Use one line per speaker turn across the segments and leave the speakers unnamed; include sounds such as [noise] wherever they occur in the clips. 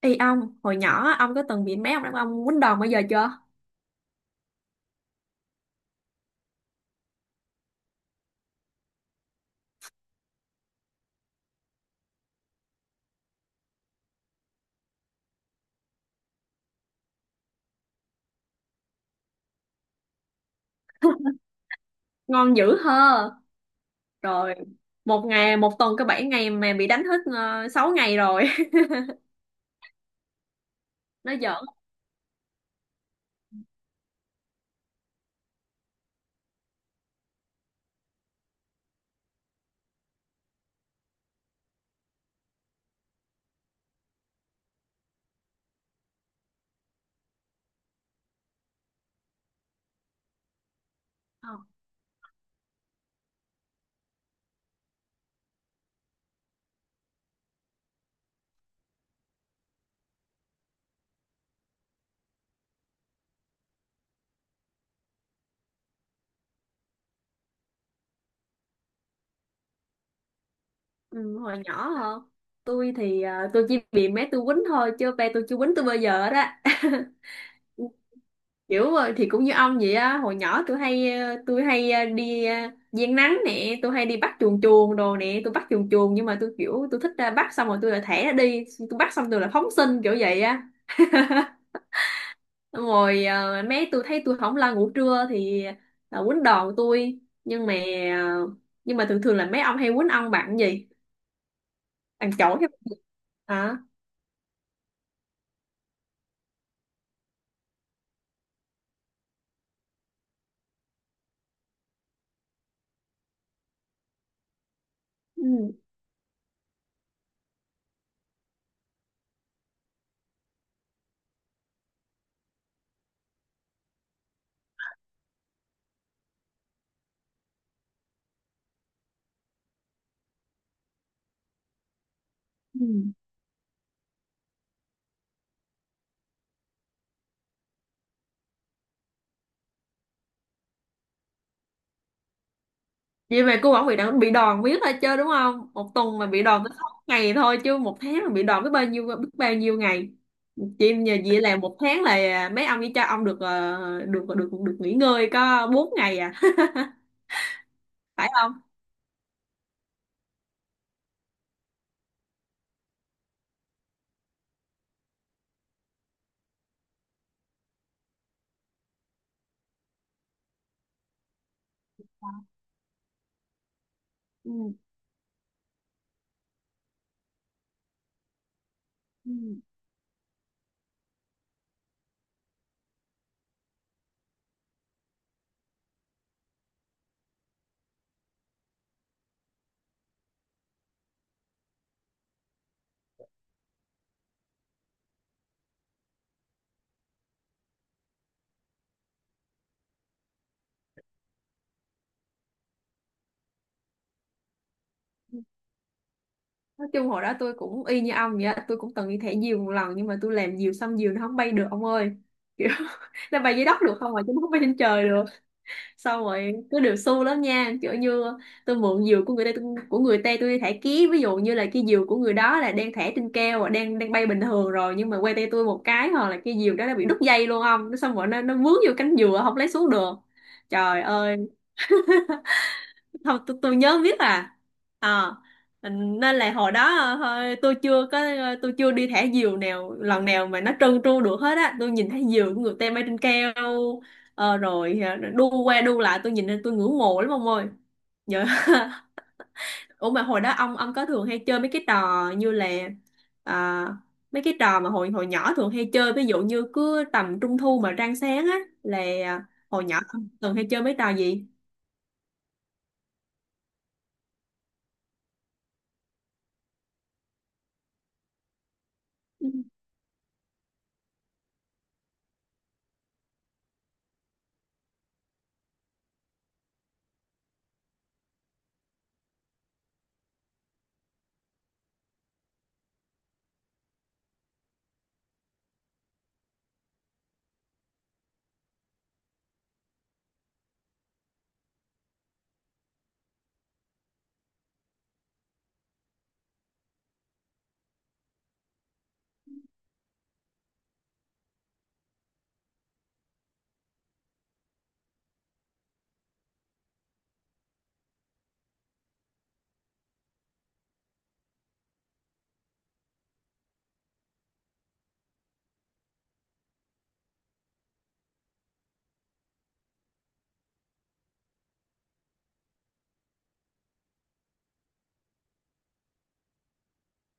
Ê ông, hồi nhỏ ông có từng bị mấy ông đàn ông quýnh đòn bao giờ chưa? Ngon dữ hơ. Rồi, một ngày, một tuần có 7 ngày mà bị đánh hết 6 ngày rồi. [laughs] Nó giỡn. Không? Ừ, hồi nhỏ hả? Tôi thì tôi chỉ bị mấy tôi quýnh thôi, chứ ba tôi chưa quýnh tôi bao giờ đó. [laughs] Kiểu thì cũng như ông vậy á. Hồi nhỏ tôi hay đi giang nắng nè. Tôi hay đi bắt chuồn chuồn đồ nè, tôi bắt chuồn chuồn nhưng mà tôi kiểu tôi thích ra bắt xong rồi tôi lại thẻ nó đi, tôi bắt xong tôi lại phóng sinh kiểu vậy. Xong rồi mấy tôi thấy tôi không lo ngủ trưa thì là quýnh đòn tôi. Nhưng mà ờ, nhưng mà thường thường là mấy ông hay quýnh ông bạn gì, bạn chổi hay bạn gì? Hả? Ừ. Ừ. Vậy mà cô bảo bị đòn biết thôi chứ, đúng không? Một tuần mà bị đòn tới sáu ngày thôi, chứ một tháng mà bị đòn biết bao nhiêu ngày. Chị nhờ chị làm một tháng là mấy ông chỉ cho ông được được nghỉ ngơi có bốn ngày à. [laughs] Phải không? Ừ. Nói chung hồi đó tôi cũng y như ông vậy á, tôi cũng từng đi thẻ diều một lần nhưng mà tôi làm diều xong diều nó không bay được ông ơi. Kiểu [laughs] nó bay dưới đất được không mà chứ nó không bay trên trời được. Xong rồi cứ đều xu lắm nha, kiểu như tôi mượn diều của người ta tôi, của người ta tôi đi thả ký. Ví dụ như là cái diều của người đó là đang thả trên keo đang đang bay bình thường rồi nhưng mà quay tay tôi một cái hoặc là cái diều đó nó bị đứt dây luôn ông, nó xong rồi nó vướng vô cánh dừa không lấy xuống được. Trời ơi! Không tôi, tôi nhớ biết à. Ờ, Nên là hồi đó thôi, tôi chưa đi thả diều nào lần nào mà nó trơn tru được hết á. Tôi nhìn thấy diều của người ta bay trên cao rồi đu qua đu lại tôi nhìn lên tôi ngưỡng mộ lắm ông ơi. Dạ. [laughs] Ủa mà hồi đó ông có thường hay chơi mấy cái trò như là à, mấy cái trò mà hồi hồi nhỏ thường hay chơi, ví dụ như cứ tầm trung thu mà rạng sáng á là ờ, hồi nhỏ ông thường hay chơi mấy trò gì?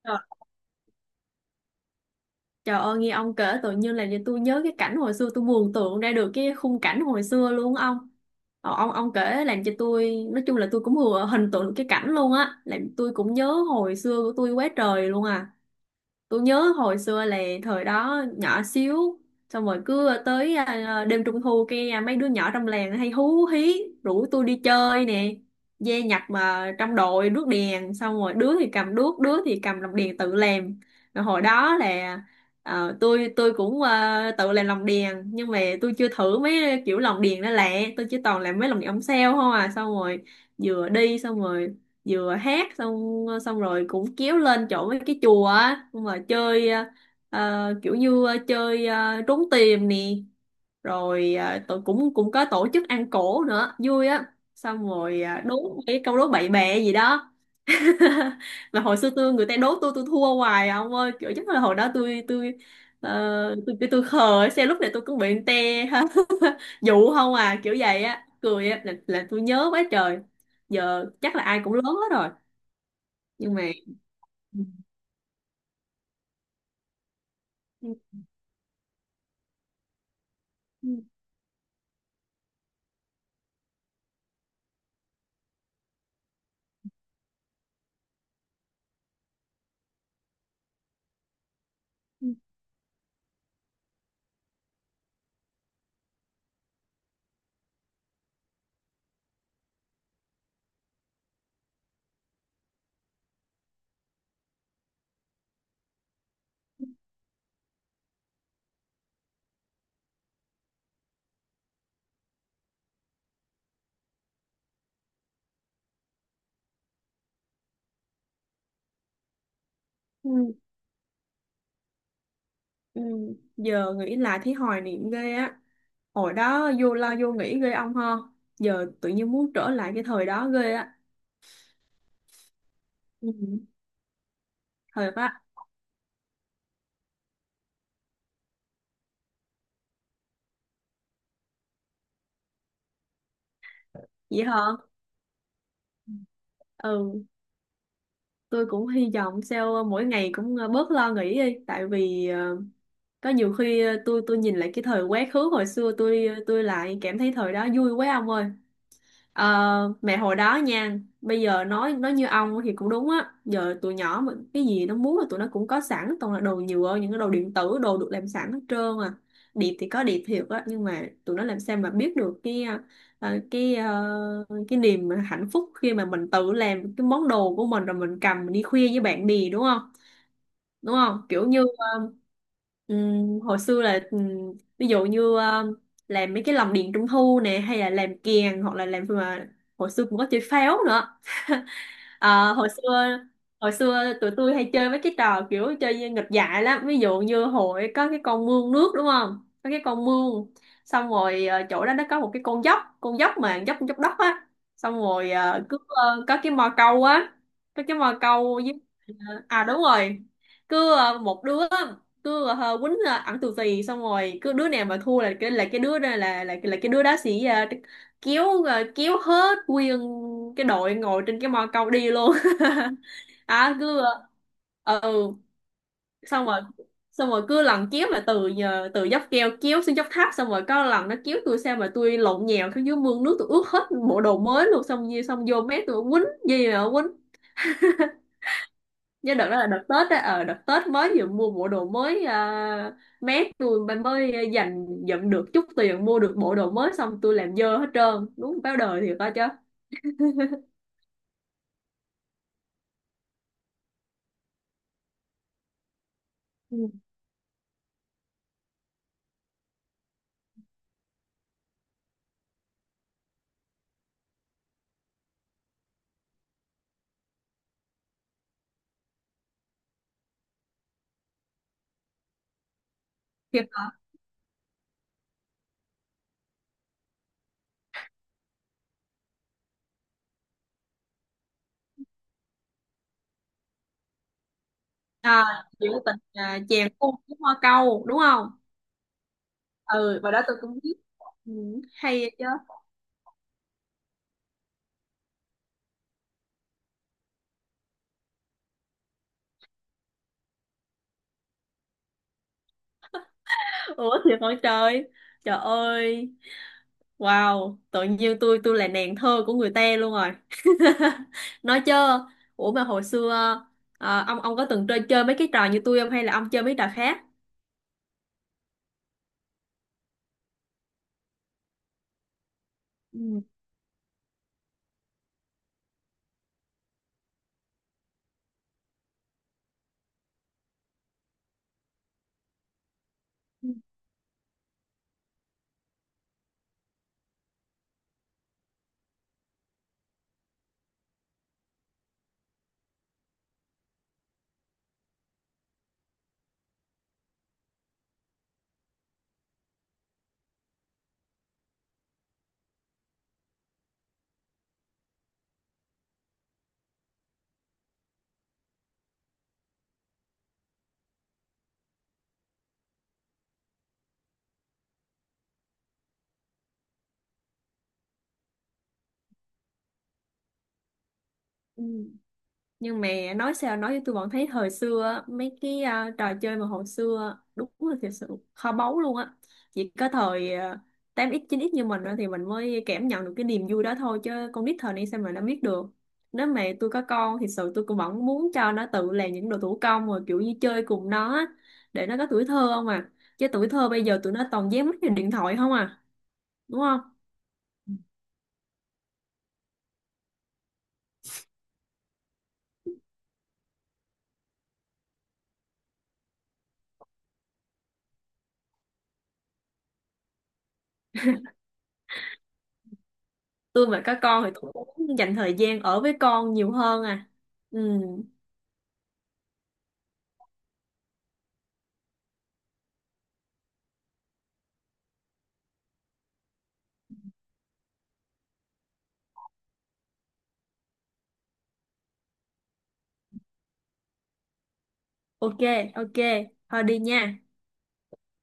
Ừ. Trời ơi nghe ông kể tự nhiên là tôi nhớ cái cảnh hồi xưa, tôi mường tượng ra được cái khung cảnh hồi xưa luôn á ông. Ông kể làm cho tôi nói chung là tôi cũng vừa hình tượng được cái cảnh luôn á, làm tôi cũng nhớ hồi xưa của tôi quá trời luôn à. Tôi nhớ hồi xưa là thời đó nhỏ xíu. Xong rồi cứ tới đêm trung thu kia mấy đứa nhỏ trong làng hay hú hí rủ tôi đi chơi nè. Dây nhặt mà trong đội đuốc đèn, xong rồi đứa thì cầm đuốc đứa thì cầm lồng đèn tự làm. Rồi hồi đó là tôi cũng tự làm lồng đèn nhưng mà tôi chưa thử mấy kiểu lồng đèn đó lẹ. Tôi chỉ toàn làm mấy lồng đèn ống sao không à. Xong rồi vừa đi xong rồi vừa hát, xong xong rồi cũng kéo lên chỗ mấy cái chùa á. Xong rồi chơi kiểu như chơi trốn tìm nè. Rồi tụi cũng cũng có tổ chức ăn cỗ nữa vui á. Xong rồi đố cái câu đố bậy bẹ gì đó. [laughs] Mà hồi xưa tôi người ta đố tôi thua hoài à, ông ơi. Kiểu chắc là hồi đó ờ, tôi tôi khờ xe lúc này tôi cũng bị người ta [laughs] dụ không à kiểu vậy á cười á, là tôi nhớ quá trời. Giờ chắc là ai cũng lớn hết rồi, nhưng mà. Ừ, ừ, ừ, ừ, ừ. Giờ nghĩ lại thấy hoài niệm ghê á. Hồi đó vô lo vô nghĩ ghê ông ha. Giờ tự nhiên muốn trở lại cái thời đó ghê á. Ừ. Thật á? Vậy hả? Ừ. Tôi cũng hy vọng sao mỗi ngày cũng bớt lo nghĩ đi, tại vì có nhiều khi tôi nhìn lại cái thời quá khứ hồi xưa, tôi tôi lại cảm thấy thời đó vui quá ông ơi. Ờ, mẹ hồi đó nha, bây giờ nói như ông thì cũng đúng á. Giờ tụi nhỏ mà cái gì nó muốn là tụi nó cũng có sẵn, toàn là đồ nhựa, những cái đồ điện tử đồ được làm sẵn hết trơn à. Điệp thì có điệp thiệt á, nhưng mà tụi nó làm sao mà biết được cái niềm hạnh phúc khi mà mình tự làm cái món đồ của mình rồi mình cầm mình đi khuya với bạn bè, đúng không? Đúng không? Kiểu như hồi xưa là ví dụ như làm mấy cái lồng đèn trung thu nè, hay là làm kèn hoặc là làm mà hồi xưa cũng có chơi pháo nữa. Ờ, hồi xưa, hồi xưa tụi tôi hay chơi mấy cái trò kiểu chơi như nghịch dại lắm. Ví dụ như hồi có cái con mương nước, đúng không? Có cái con mương, xong rồi chỗ đó nó có một cái con dốc, con dốc mà dốc dốc đất á. Xong rồi có cái mò câu á, có cái mò câu với à, đúng rồi. Cứ một đứa cứ quýnh ẩn tù tì, xong rồi cứ đứa nào mà thua là cái đứa đó là cái đứa đó sẽ kiếu, rồi kiếu hết nguyên cái đội ngồi trên cái mo cầu đi luôn. [laughs] À cứ ừ, xong rồi xong rồi cứ lần kiếu mà từ nhờ từ dốc keo kiếu xuống dốc tháp, xong rồi có lần nó kiếu tôi sao mà tôi lộn nhào xuống dưới mương nước, tôi ướt hết bộ đồ mới luôn, xong như xong vô mét tôi quýnh gì mà quýnh. Nhớ đợt đó là đợt Tết á. Ờ, đợt Tết mới vừa mua bộ đồ mới, mét tôi mới mới dành dụm được chút tiền mua được bộ đồ mới, xong tôi làm dơ hết trơn đúng báo đời thiệt coi chứ. Ừ. Thiệt à? Chuyện tình chèo cung với hoa câu, đúng không? Ừ và đó tôi cũng biết. Ừ. Hay chứ. Ủa thì hỏi trời. Trời ơi! Wow, tự nhiên tôi là nàng thơ của người ta luôn rồi. [laughs] Nói chưa. Ủa mà hồi xưa ông có từng chơi chơi mấy cái trò như tôi không, hay là ông chơi mấy trò khác? Ừ. ừ, ừ. Nhưng mà nói sao nói với tôi vẫn thấy thời xưa á, mấy cái trò chơi mà hồi xưa á, đúng là thật sự kho báu luôn á. Chỉ có thời 8x 9x như mình á thì mình mới cảm nhận được cái niềm vui đó thôi, chứ con nít thời nay sao mà nó biết được. Nếu mà tôi có con thì sự tôi cũng vẫn muốn cho nó tự làm những đồ thủ công, rồi kiểu như chơi cùng nó á, để nó có tuổi thơ không à. Chứ tuổi thơ bây giờ tụi nó toàn dán mắt vào điện thoại không à, đúng không? Tôi mà có con thì tôi cũng dành thời gian ở với con nhiều hơn à. Ừ. Ok. Ok. Thôi đi nha.